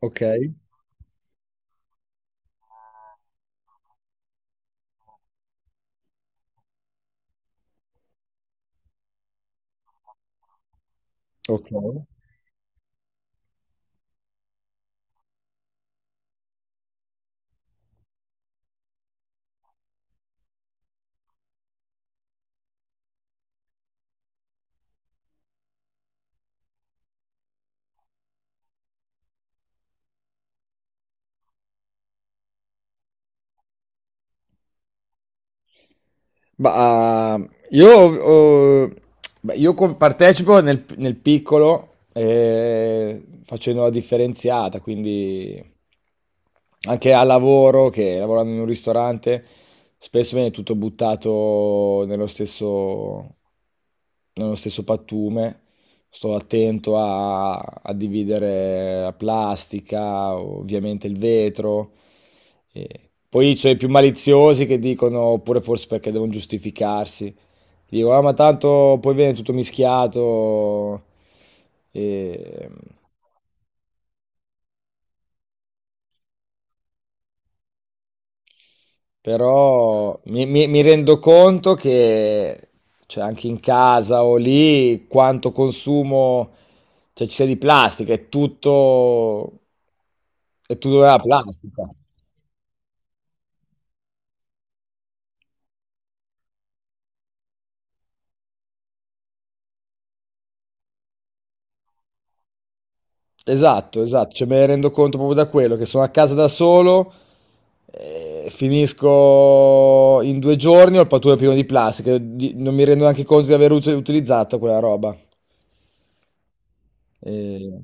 Ok, ok. Ma ah, io, ho- Beh, io partecipo nel piccolo facendo la differenziata, quindi anche al lavoro, che lavorando in un ristorante, spesso viene tutto buttato nello stesso pattume. Sto attento a dividere la plastica, ovviamente il vetro. E poi c'è i più maliziosi che dicono, oppure forse perché devono giustificarsi, dico, ah, ma tanto poi viene tutto mischiato. E... Però mi rendo conto che, cioè, anche in casa o lì quanto consumo, cioè ci sia di plastica, è tutto della plastica. Esatto, esatto, cioè me ne rendo conto proprio da quello, che sono a casa da solo, finisco in due giorni, ho il pattume pieno di plastica, non mi rendo neanche conto di aver utilizzato quella roba. Eh,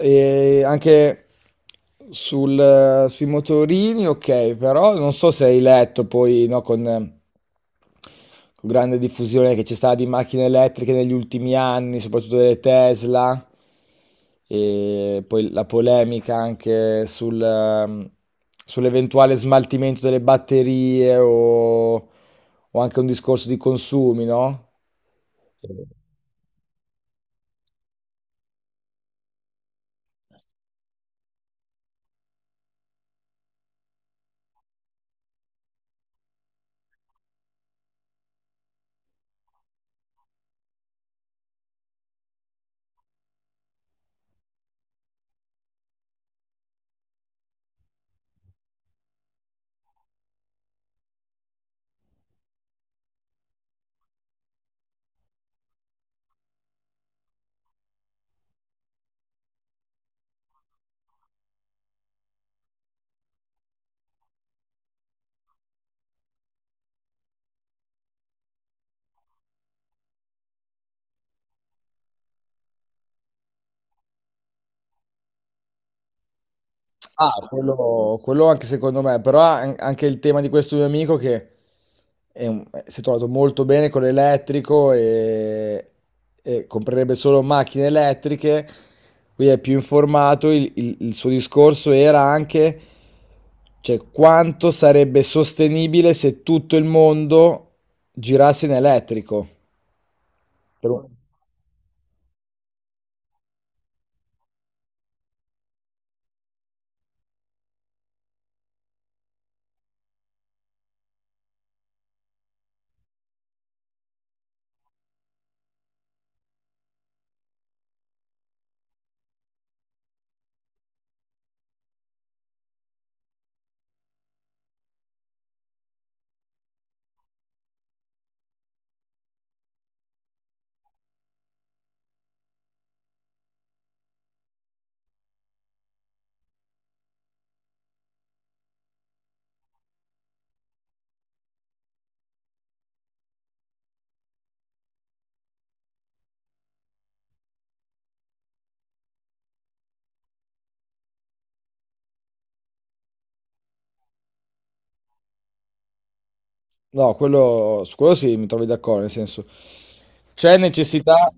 E anche sui motorini, ok, però non so se hai letto poi, no, con, con grande diffusione che c'è stata di macchine elettriche negli ultimi anni, soprattutto delle Tesla, e poi la polemica anche sul sull'eventuale smaltimento delle batterie o anche un discorso di consumi, no? Ah, quello anche secondo me, però anche il tema di questo mio amico che si è trovato molto bene con e comprerebbe solo macchine elettriche, quindi è più informato, il suo discorso era anche, cioè, quanto sarebbe sostenibile se tutto il mondo girasse in elettrico. Per un- No, quello, su quello sì, mi trovi d'accordo, nel senso, c'è necessità...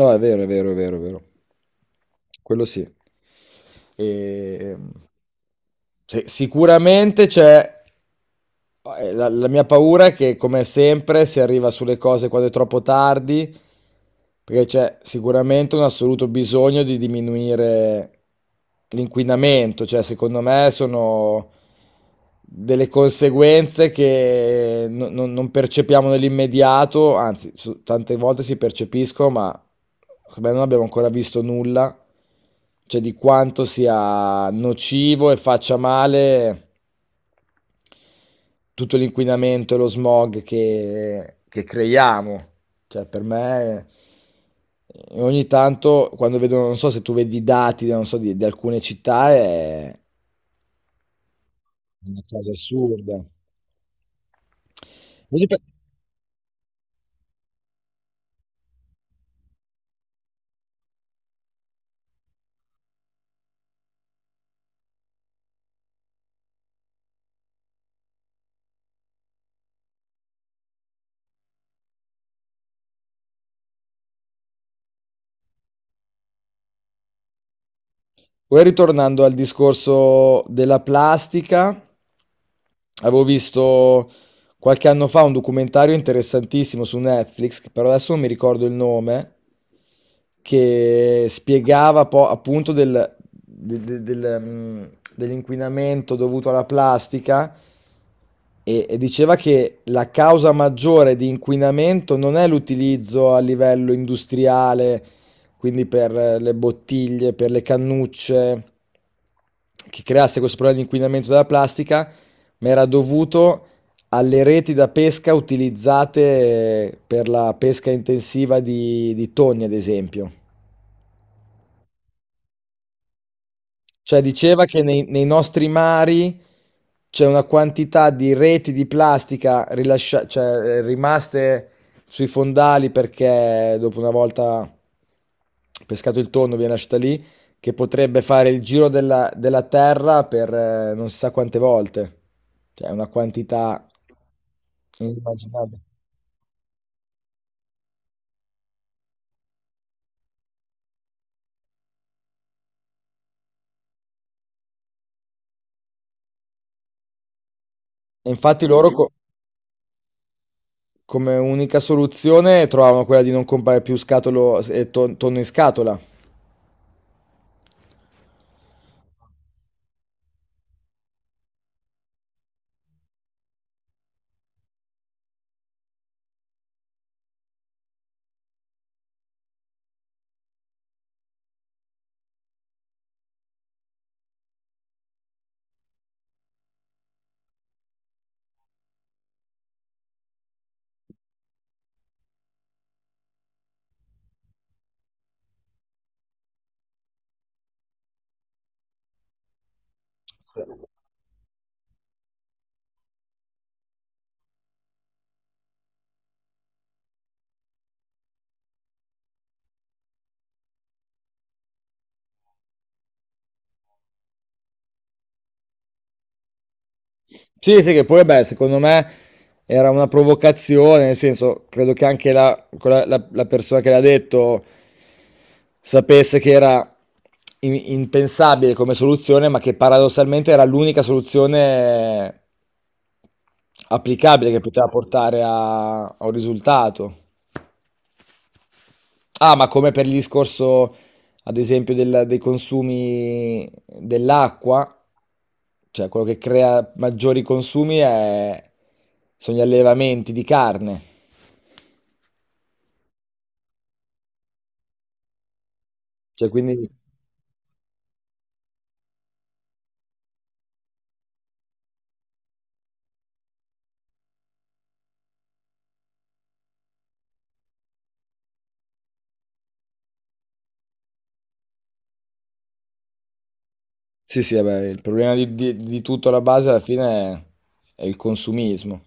No, è vero, è vero, è vero, è vero. Quello sì. E sì, sicuramente c'è, la mia paura è che, come sempre, si arriva sulle cose quando è troppo tardi, perché c'è sicuramente un assoluto bisogno di diminuire l'inquinamento. Cioè, secondo me sono delle conseguenze che non percepiamo nell'immediato, anzi, tante volte si percepiscono, ma secondo me non abbiamo ancora visto nulla, cioè di quanto sia nocivo e faccia male tutto l'inquinamento e lo smog che creiamo. Cioè, per me, ogni tanto, quando vedo, non so se tu vedi i dati, non so, di alcune città, è una cosa assurda. Voglio pe- Poi ritornando al discorso della plastica, avevo visto qualche anno fa un documentario interessantissimo su Netflix, che però adesso non mi ricordo il nome, che spiegava appunto dell'inquinamento dovuto alla plastica. E diceva che la causa maggiore di inquinamento non è l'utilizzo a livello industriale, quindi per le bottiglie, per le cannucce, che creasse questo problema di inquinamento della plastica, ma era dovuto alle reti da pesca utilizzate per la pesca intensiva di tonni, ad esempio. Cioè, diceva che nei nostri mari c'è una quantità di reti di plastica rimaste sui fondali perché dopo, una volta pescato il tonno, viene lasciata lì, che potrebbe fare il giro della terra per non si sa quante volte. Cioè, è una quantità inimmaginabile. E infatti loro come unica soluzione trovavano quella di non comprare più tonno in scatola. Sì, sì, che poi, beh, secondo me era una provocazione, nel senso, credo che anche la persona che l'ha detto sapesse che era impensabile come soluzione, ma che paradossalmente era l'unica soluzione applicabile che poteva portare a un risultato. Ah, ma come per il discorso, ad esempio, dei consumi dell'acqua, cioè, quello che crea maggiori consumi sono gli allevamenti di carne. Cioè, quindi, sì, sì, vabbè, il problema di tutto alla base alla fine è il consumismo.